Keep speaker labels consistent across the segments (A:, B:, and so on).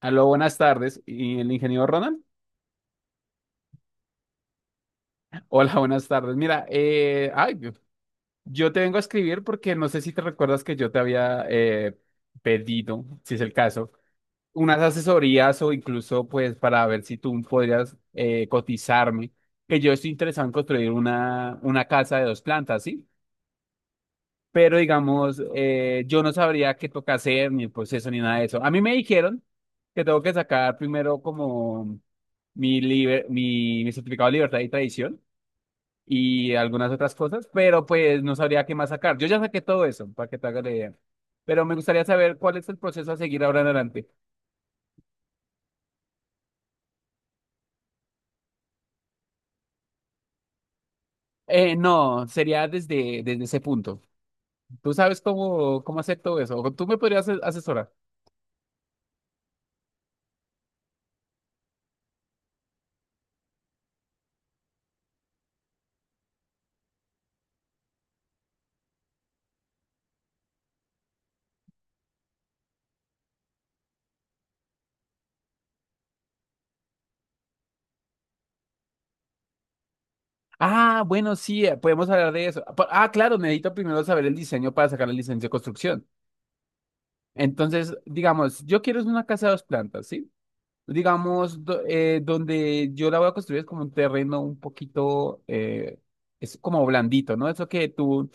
A: Aló, buenas tardes. ¿Y el ingeniero Ronald? Hola, buenas tardes. Mira, yo te vengo a escribir porque no sé si te recuerdas que yo te había pedido, si es el caso, unas asesorías o incluso pues para ver si tú podrías cotizarme, que yo estoy interesado en construir una casa de dos plantas, ¿sí? Pero digamos, yo no sabría qué toca hacer, ni el proceso, ni nada de eso. A mí me dijeron que tengo que sacar primero como mi certificado de libertad y tradición y algunas otras cosas, pero pues no sabría qué más sacar. Yo ya saqué todo eso, para que te hagas la idea. Pero me gustaría saber cuál es el proceso a seguir ahora en adelante. No, sería desde ese punto. ¿Tú sabes cómo hacer todo eso? ¿O ¿Tú me podrías asesorar? Ah, bueno, sí, podemos hablar de eso. Ah, claro, necesito primero saber el diseño para sacar la licencia de construcción. Entonces, digamos, yo quiero es una casa de dos plantas, ¿sí? Digamos, donde yo la voy a construir es como un terreno un poquito, es como blandito, ¿no? Eso que tú,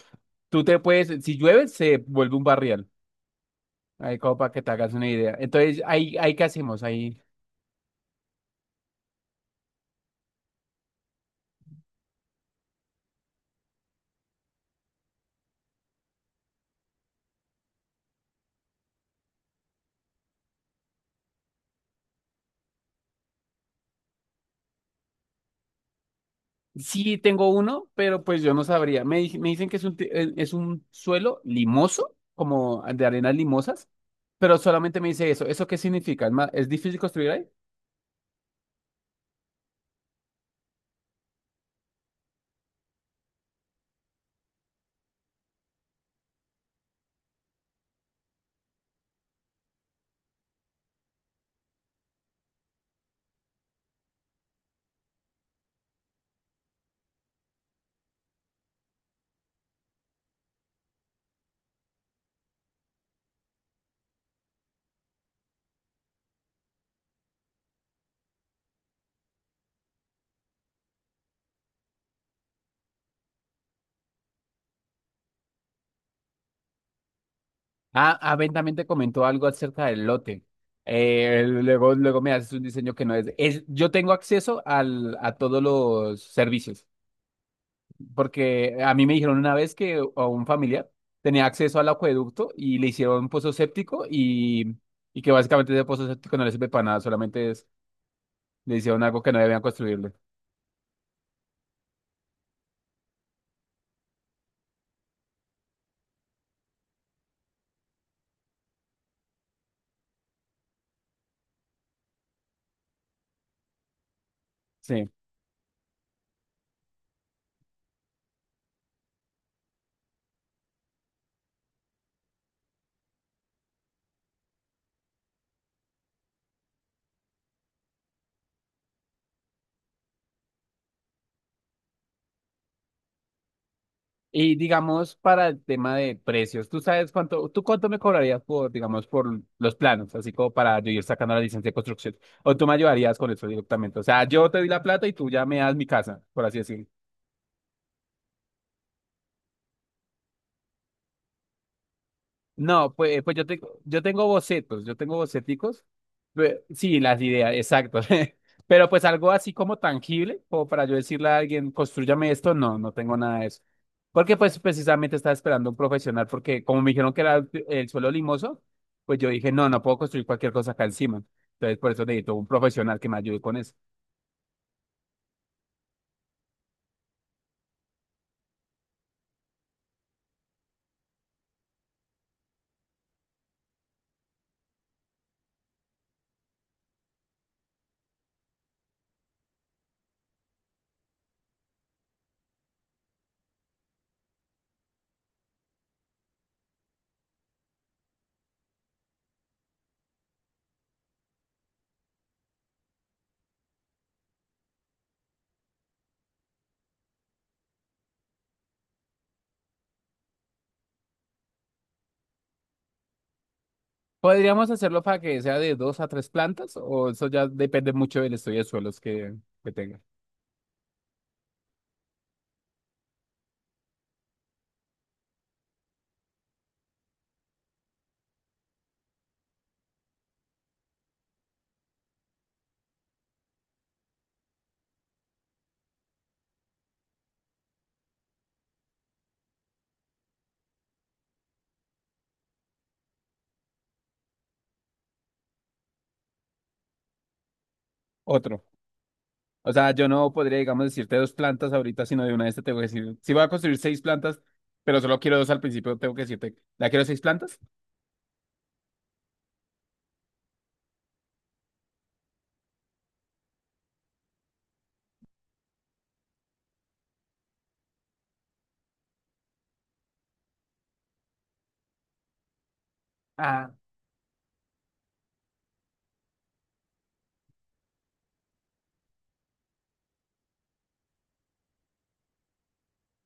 A: tú te puedes, si llueve, se vuelve un barrial. Ahí como para que te hagas una idea. Entonces, ahí ¿qué hacemos? Ahí. Sí tengo uno, pero pues yo no sabría. Me dicen que es un suelo limoso, como de arenas limosas, pero solamente me dice eso. ¿Eso qué significa? ¿Es difícil construir ahí? Ben también te comentó algo acerca del lote. Luego, me haces un diseño que no es. Yo tengo acceso a todos los servicios, porque a mí me dijeron una vez que a un familiar tenía acceso al acueducto y le hicieron un pozo séptico y que básicamente ese pozo séptico no le sirve para nada, solamente es le hicieron algo que no debían construirle. Sí. Y digamos, para el tema de precios, ¿tú sabes cuánto, tú cuánto me cobrarías por, digamos, por los planos, así como para yo ir sacando la licencia de construcción? ¿O tú me ayudarías con eso directamente? O sea, yo te doy la plata y tú ya me das mi casa, por así decirlo. No, pues yo tengo bocetos, yo tengo boceticos. Sí, las ideas, exacto. Pero pues algo así como tangible, como para yo decirle a alguien, construyame esto, no, no tengo nada de eso. Porque pues precisamente estaba esperando un profesional, porque como me dijeron que era el suelo limoso, pues yo dije, no, no puedo construir cualquier cosa acá encima. Entonces por eso necesito un profesional que me ayude con eso. Podríamos hacerlo para que sea de dos a tres plantas, o eso ya depende mucho del estudio de suelos que tenga. Otro. O sea, yo no podría, digamos, decirte dos plantas ahorita, sino de una de estas tengo que decir, si voy a construir seis plantas, pero solo quiero dos al principio, tengo que decirte, ¿la quiero seis plantas? Ah,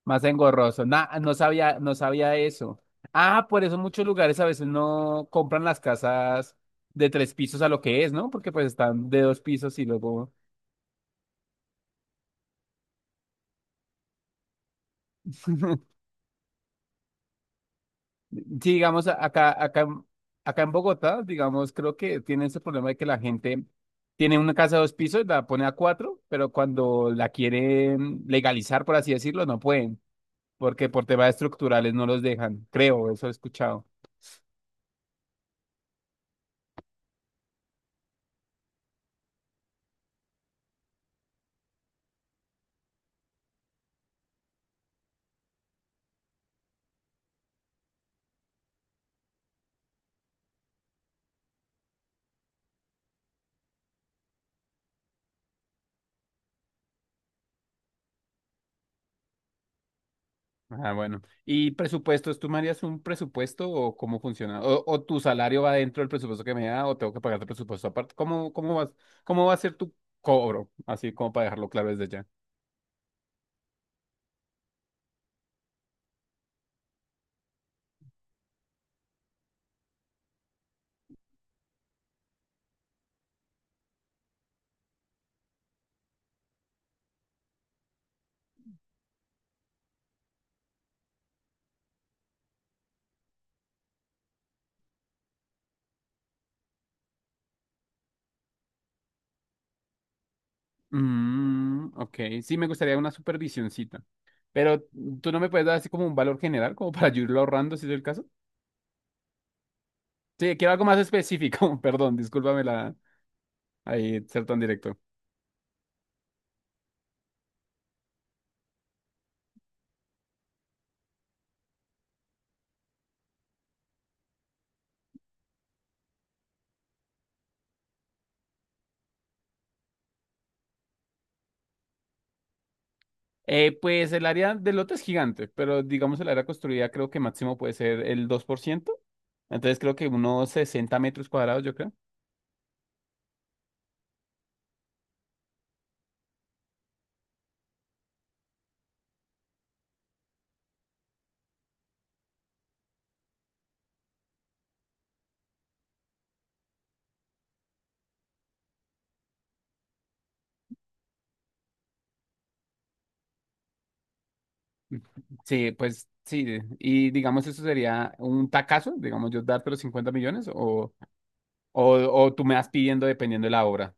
A: más engorroso. Nah, no sabía eso. Ah, por eso muchos lugares a veces no compran las casas de tres pisos a lo que es, ¿no? Porque pues están de dos pisos y luego. Sí, digamos, acá en Bogotá, digamos, creo que tiene ese problema de que la gente tiene una casa de dos pisos, la pone a cuatro, pero cuando la quieren legalizar, por así decirlo, no pueden, porque por temas estructurales no los dejan, creo, eso he escuchado. Ah, bueno. ¿Y presupuestos? ¿Tú me harías un presupuesto o cómo funciona? ¿O tu salario va dentro del presupuesto que me da o tengo que pagar el presupuesto aparte? ¿Cómo va a ser tu cobro? Así como para dejarlo claro desde ya. Mm, ok, sí me gustaría una supervisioncita, pero tú no me puedes dar así como un valor general, como para yo irlo ahorrando, si es el caso. Sí, quiero algo más específico, perdón, discúlpame la, ahí, ser tan directo. Pues el área del lote es gigante, pero digamos el área construida creo que máximo puede ser el 2%. Entonces creo que unos 60 m², yo creo. Sí, pues sí, y digamos eso sería un tacazo, digamos yo darte los 50 millones o, o, o tú me vas pidiendo dependiendo de la obra.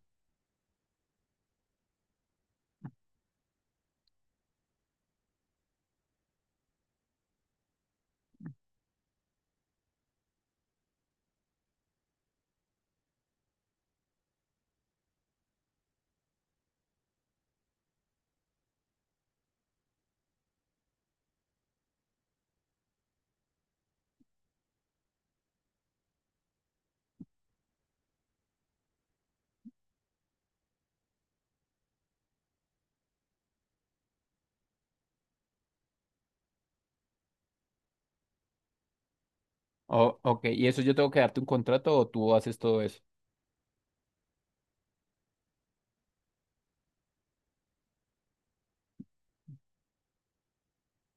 A: Oh, ok, ¿y eso yo tengo que darte un contrato o tú haces todo eso?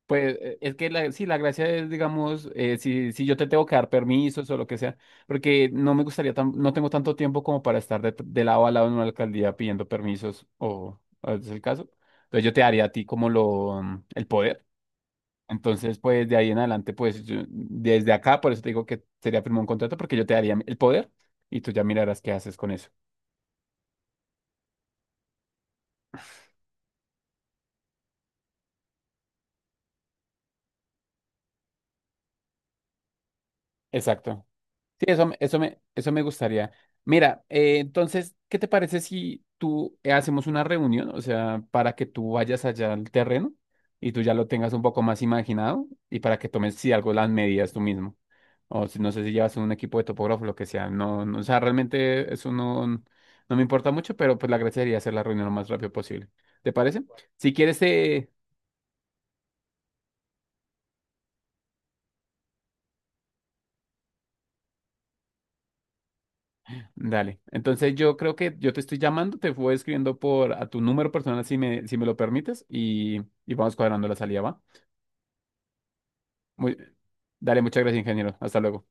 A: Pues es que la, sí, la gracia es, digamos, si yo te tengo que dar permisos o lo que sea, porque no me gustaría, no tengo tanto tiempo como para estar de lado a lado en una alcaldía pidiendo permisos o es el caso. Entonces yo te daría a ti como lo, el poder. Entonces, pues de ahí en adelante, pues desde acá, por eso te digo que sería firmar un contrato porque yo te daría el poder y tú ya mirarás qué haces con eso. Exacto. Sí, eso me gustaría. Mira, entonces, ¿qué te parece si tú hacemos una reunión? O sea, para que tú vayas allá al terreno y tú ya lo tengas un poco más imaginado y para que tomes, si algo, las medidas tú mismo. O si no sé si llevas un equipo de topógrafo, lo que sea. No, no, o sea, realmente eso no, no me importa mucho, pero pues la gracia sería hacer la reunión lo más rápido posible. ¿Te parece? Si quieres, dale. Entonces yo creo que yo te estoy llamando, te voy escribiendo por a tu número personal si me lo permites y vamos cuadrando la salida, ¿va? Muy, Dale, muchas gracias, ingeniero. Hasta luego.